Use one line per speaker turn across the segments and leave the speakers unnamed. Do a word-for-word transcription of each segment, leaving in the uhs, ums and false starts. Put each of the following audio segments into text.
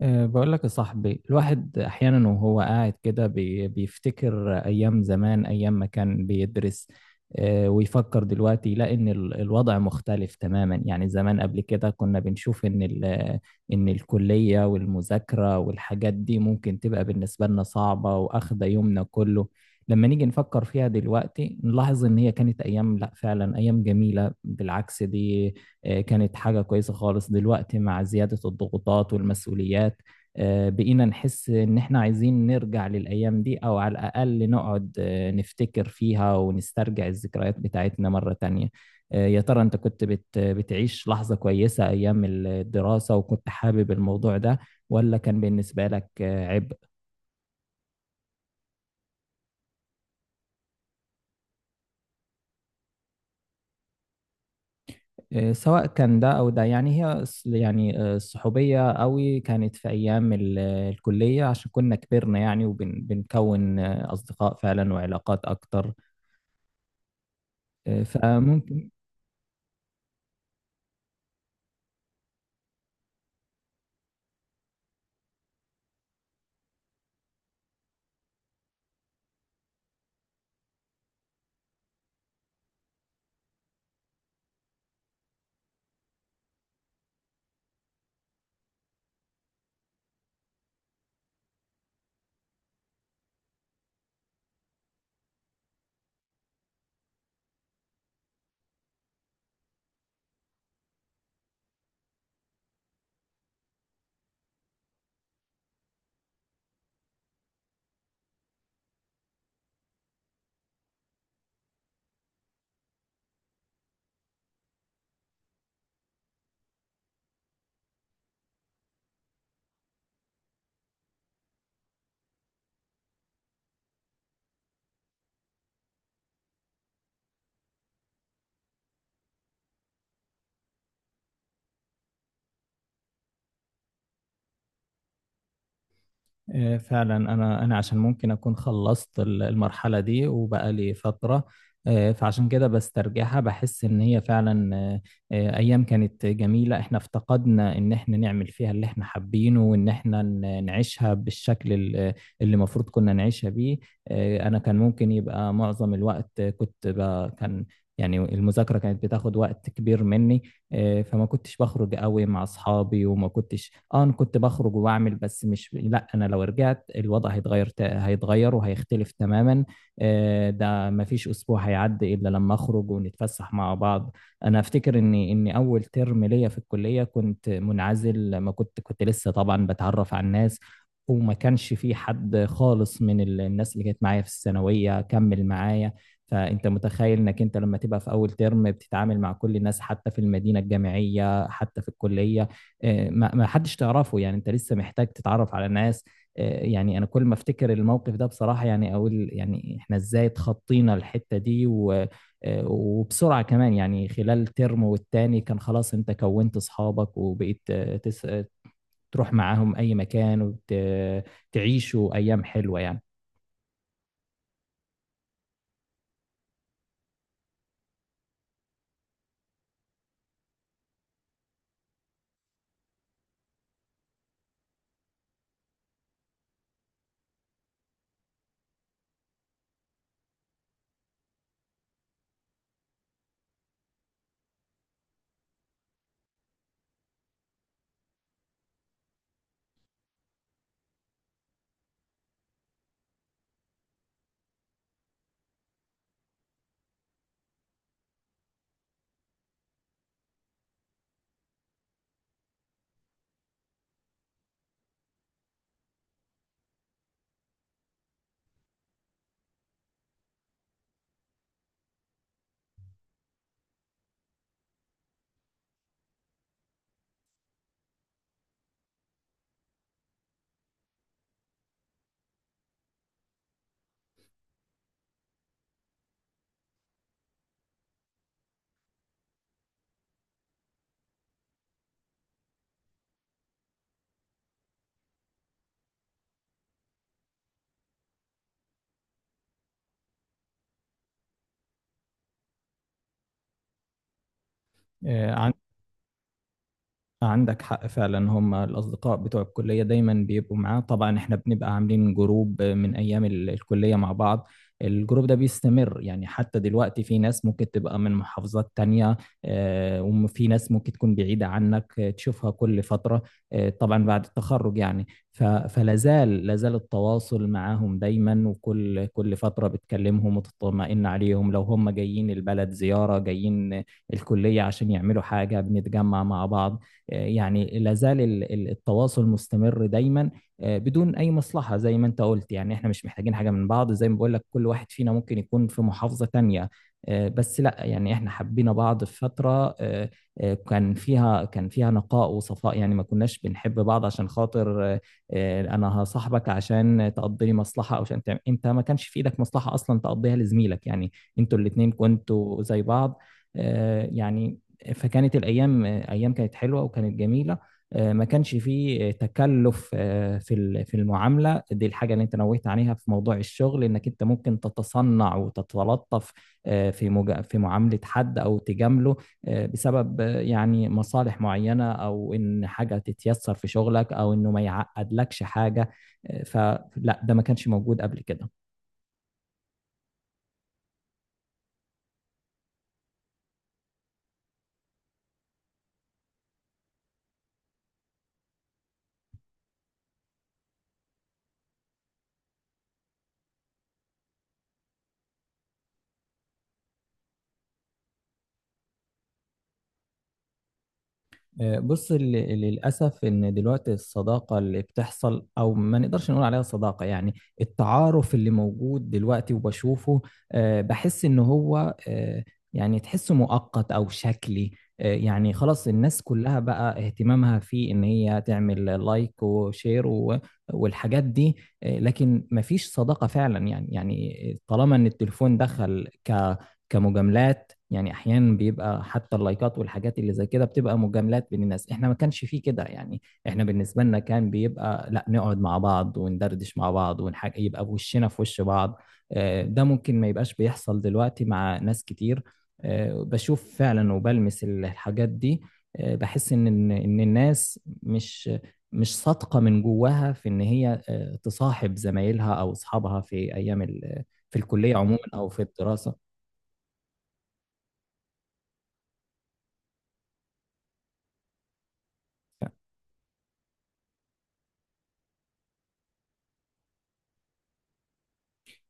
أه، بقول لك يا صاحبي، الواحد أحيانا وهو قاعد كده بي- بيفتكر أيام زمان، أيام ما كان بيدرس. أه، ويفكر دلوقتي يلاقي إن ال- الوضع مختلف تماما. يعني زمان قبل كده كنا بنشوف إن ال- إن الكلية والمذاكرة والحاجات دي ممكن تبقى بالنسبة لنا صعبة وأخدة يومنا كله. لما نيجي نفكر فيها دلوقتي نلاحظ إن هي كانت أيام، لا فعلا، أيام جميلة. بالعكس، دي آه، كانت حاجة كويسة خالص. دلوقتي مع زيادة الضغوطات والمسؤوليات آه، بقينا نحس إن إحنا عايزين نرجع للأيام دي، أو على الأقل نقعد آه، نفتكر فيها ونسترجع الذكريات بتاعتنا مرة تانية. آه، يا ترى أنت كنت بت- بتعيش لحظة كويسة أيام الدراسة وكنت حابب الموضوع ده، ولا كان بالنسبة لك آه، عبء؟ آه، سواء كان ده أو ده، يعني هي الص- يعني آه، الصحوبية قوي كانت في أيام ال- الكلية، عشان كنا كبرنا يعني، وبنكون أصدقاء فعلا وعلاقات أكتر. آه، فممكن. إيه، فعلا انا انا عشان ممكن اكون خلصت ال- المرحله دي وبقى لي فتره. إيه، فعشان كده بسترجعها بحس ان هي فعلا. إيه، إيه، ايام كانت جميله، احنا افتقدنا ان احنا نعمل فيها اللي احنا حابينه، وان احنا ن- نعيشها بالشكل ال- اللي المفروض كنا نعيشها بيه. إيه، انا كان ممكن يبقى معظم الوقت كنت ب- كان يعني المذاكره كانت بتاخد وقت كبير مني. آه، فما كنتش بخرج قوي مع اصحابي، وما كنتش اه انا كنت بخرج وبعمل، بس مش لا، انا لو رجعت الوضع هيتغير تا- هيتغير وهيختلف تماما. آه، ده ما فيش اسبوع هيعدي الا لما اخرج ونتفسح مع بعض. انا افتكر اني اني اول ترم ليا في الكلية كنت منعزل. ما كنت كنت لسه طبعا بتعرف على الناس، وما كانش في حد خالص من ال- الناس اللي كانت معايا في الثانوية كمل معايا. فانت متخيل انك انت لما تبقى في اول ترم بتتعامل مع كل الناس، حتى في المدينه الجامعيه، حتى في الكليه. آه، ما ما حدش تعرفه. يعني انت لسه محتاج تتعرف على ناس. آه، يعني انا كل ما افتكر الموقف ده بصراحه، يعني اقول يعني احنا ازاي اتخطينا الحته دي، و آه، وبسرعه كمان. يعني خلال ترم والتاني كان خلاص، انت كونت اصحابك، وبقيت آه، تس... تروح معاهم اي مكان وتعيشوا ايام حلوه يعني. آه، عندك حق فعلا، هم الأصدقاء بتوع الكلية دايما بيبقوا معاه. طبعا احنا بنبقى عاملين جروب من أيام ال- الكلية مع بعض. الجروب ده بيستمر يعني حتى دلوقتي، في ناس ممكن تبقى من محافظات تانية. آه، وفي ناس ممكن تكون بعيدة عنك آه، تشوفها كل فترة، آه، طبعا بعد التخرج يعني. ف- فلازال لازال التواصل معاهم دايما، وكل كل فترة بتكلمهم وتطمئن عليهم. لو هم جايين البلد زيارة جايين الكلية عشان يعملوا حاجة بنتجمع مع بعض. يعني لا زال ال- ال- التواصل مستمر دايما. آه، بدون اي مصلحه، زي ما انت قلت. يعني احنا مش محتاجين حاجه من بعض. زي ما بقول لك، كل واحد فينا ممكن يكون في محافظه تانية. آه، بس لا، يعني احنا حبينا بعض في فتره آه، آه، كان فيها كان فيها نقاء وصفاء. يعني ما كناش بنحب بعض عشان خاطر آه، آه، انا هصاحبك عشان تقضي لي مصلحه، او عشان تعمل انت. ما كانش في ايدك مصلحه اصلا تقضيها لزميلك يعني. انتوا الاتنين كنتوا زي بعض آه، يعني. فكانت الايام ايام كانت حلوه وكانت جميله. آه، ما كانش فيه تكلف آه، في ال- في المعامله دي، الحاجه اللي انت نوهت عليها في موضوع الشغل، انك انت ممكن تتصنع وتتلطف آه، في مجا- في معامله حد، او تجامله آه، بسبب آه، يعني مصالح معينه، او ان حاجه تتيسر في شغلك، او انه ما يعقدلكش حاجه. آه، فلا، ده ما كانش موجود قبل كده. آه، بص، ال- ال- للأسف إن دلوقتي الصداقة اللي بتحصل، أو ما نقدرش نقول عليها صداقة يعني، التعارف اللي موجود دلوقتي وبشوفه آه، بحس إن هو آه، يعني تحسه مؤقت أو شكلي. آه، يعني خلاص، الناس كلها بقى اهتمامها في إن هي تعمل لايك وشير و- والحاجات دي. آه، لكن مفيش صداقة فعلا. يعني يعني طالما إن التليفون دخل ك كمجاملات. يعني احيانا بيبقى حتى اللايكات والحاجات اللي زي كده بتبقى مجاملات بين الناس. احنا ما كانش فيه كده يعني. احنا بالنسبه لنا كان بيبقى، لا، نقعد مع بعض وندردش مع بعض ونحاج، يبقى وشنا في وش بعض. آه، ده ممكن ما يبقاش بيحصل دلوقتي مع ناس كتير. آه، بشوف فعلا وبلمس الحاجات دي. آه، بحس ان ان إن الناس مش مش صادقه من جواها في ان هي آه، تصاحب زمايلها او اصحابها في ايام ال- في الكليه عموما، او في الدراسه.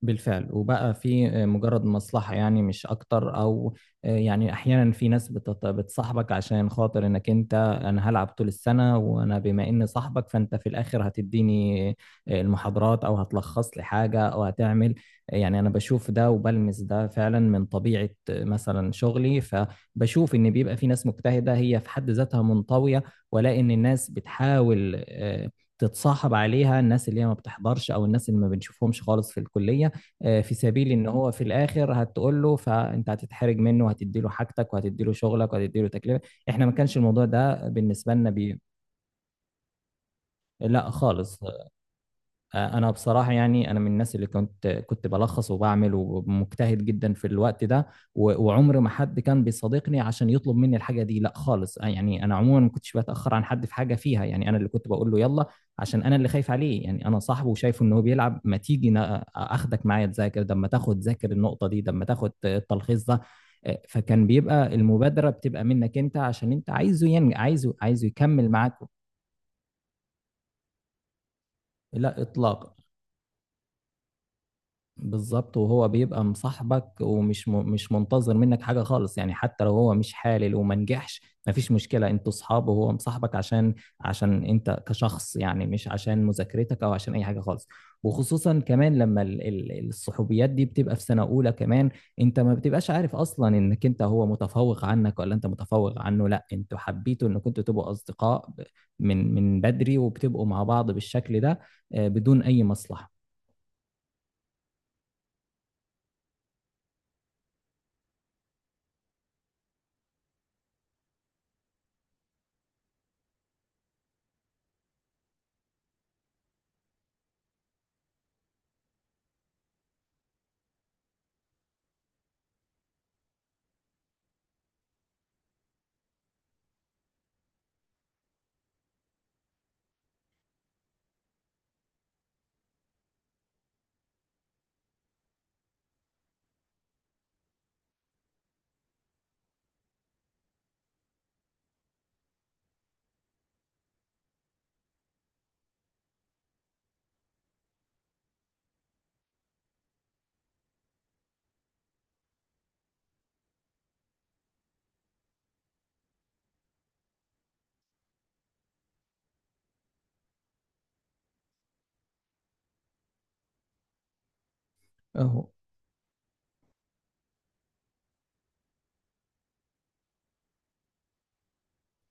بالفعل، وبقى في آه، مجرد مصلحة، يعني مش أكتر. أو آه، يعني أحيانا في ناس بتت- بتصاحبك عشان خاطر إنك أنت، أنا هلعب طول السنة، وأنا بما إني صاحبك فأنت في الآخر هتديني آه، المحاضرات، أو هتلخص لي حاجة، أو هتعمل. آه، يعني أنا بشوف ده وبلمس ده فعلا من طبيعة آه، مثلا شغلي. فبشوف إن بيبقى في ناس مجتهدة، هي في حد ذاتها منطوية، ولا إن الناس بتحاول آه، تتصاحب عليها. الناس اللي هي ما بتحضرش، أو الناس اللي ما بنشوفهمش خالص في الكلية آه، في سبيل ان هو في الاخر هتقول له، فانت هتتحرج منه، وهتدي له حاجتك، وهتدي له شغلك، وهتدي له تكلفه. احنا ما كانش الموضوع ده بالنسبه لنا بي... لا خالص. آه، انا بصراحه، يعني انا من الناس اللي كنت كنت بلخص وبعمل ومجتهد جدا في الوقت ده. و- وعمر ما حد كان بيصادقني عشان يطلب مني الحاجه دي، لا خالص. آه، يعني انا عموما ما كنتش بتاخر عن حد في حاجه فيها. يعني انا اللي كنت بقول له يلا، عشان انا اللي خايف عليه. يعني انا صاحبه وشايفه ان هو بيلعب. ما تيجي نا- اخدك معايا تذاكر ده، اما تاخد ذاكر النقطه دي، ده اما تاخد التلخيص ده. آه، فكان بيبقى المبادره بتبقى منك انت، عشان انت عايزه ينجح، عايزه عايزه يكمل معاك. لا اطلاق. بالظبط، وهو بيبقى مصاحبك، ومش م... مش منتظر منك حاجة خالص. يعني حتى لو هو مش حالل وما نجحش مفيش مشكلة، انتوا صحاب، وهو مصاحبك عشان عشان انت كشخص، يعني مش عشان مذاكرتك او عشان اي حاجة خالص. وخصوصا كمان لما ال... ال- الصحوبيات دي بتبقى في سنة اولى كمان، انت ما بتبقاش عارف اصلا انك انت هو متفوق عنك، ولا انت متفوق عنه. لا، انتوا حبيتوا انكم انتوا تبقوا اصدقاء ب- من من بدري، وبتبقوا مع بعض بالشكل ده آه، بدون اي مصلحة. اهو،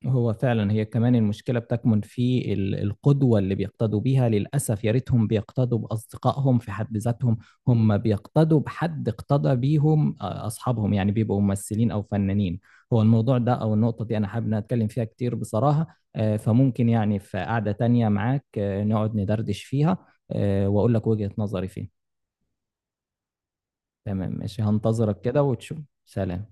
هو فعلا هي كمان المشكلة بتكمن في ال- القدوة اللي بيقتدوا بيها. للأسف، يا ريتهم بيقتدوا بأصدقائهم في حد ذاتهم. هم بيقتدوا بحد اقتدى بيهم آه، أصحابهم يعني بيبقوا ممثلين أو فنانين. هو الموضوع ده أو النقطة دي أنا حابب إن أنا أتكلم فيها كتير بصراحة. آه، فممكن يعني في قعدة تانية معاك آه، نقعد ندردش فيها، آه، وأقول لك وجهة نظري فيه. تمام، ماشي، هنتظرك كده وتشوف. سلام.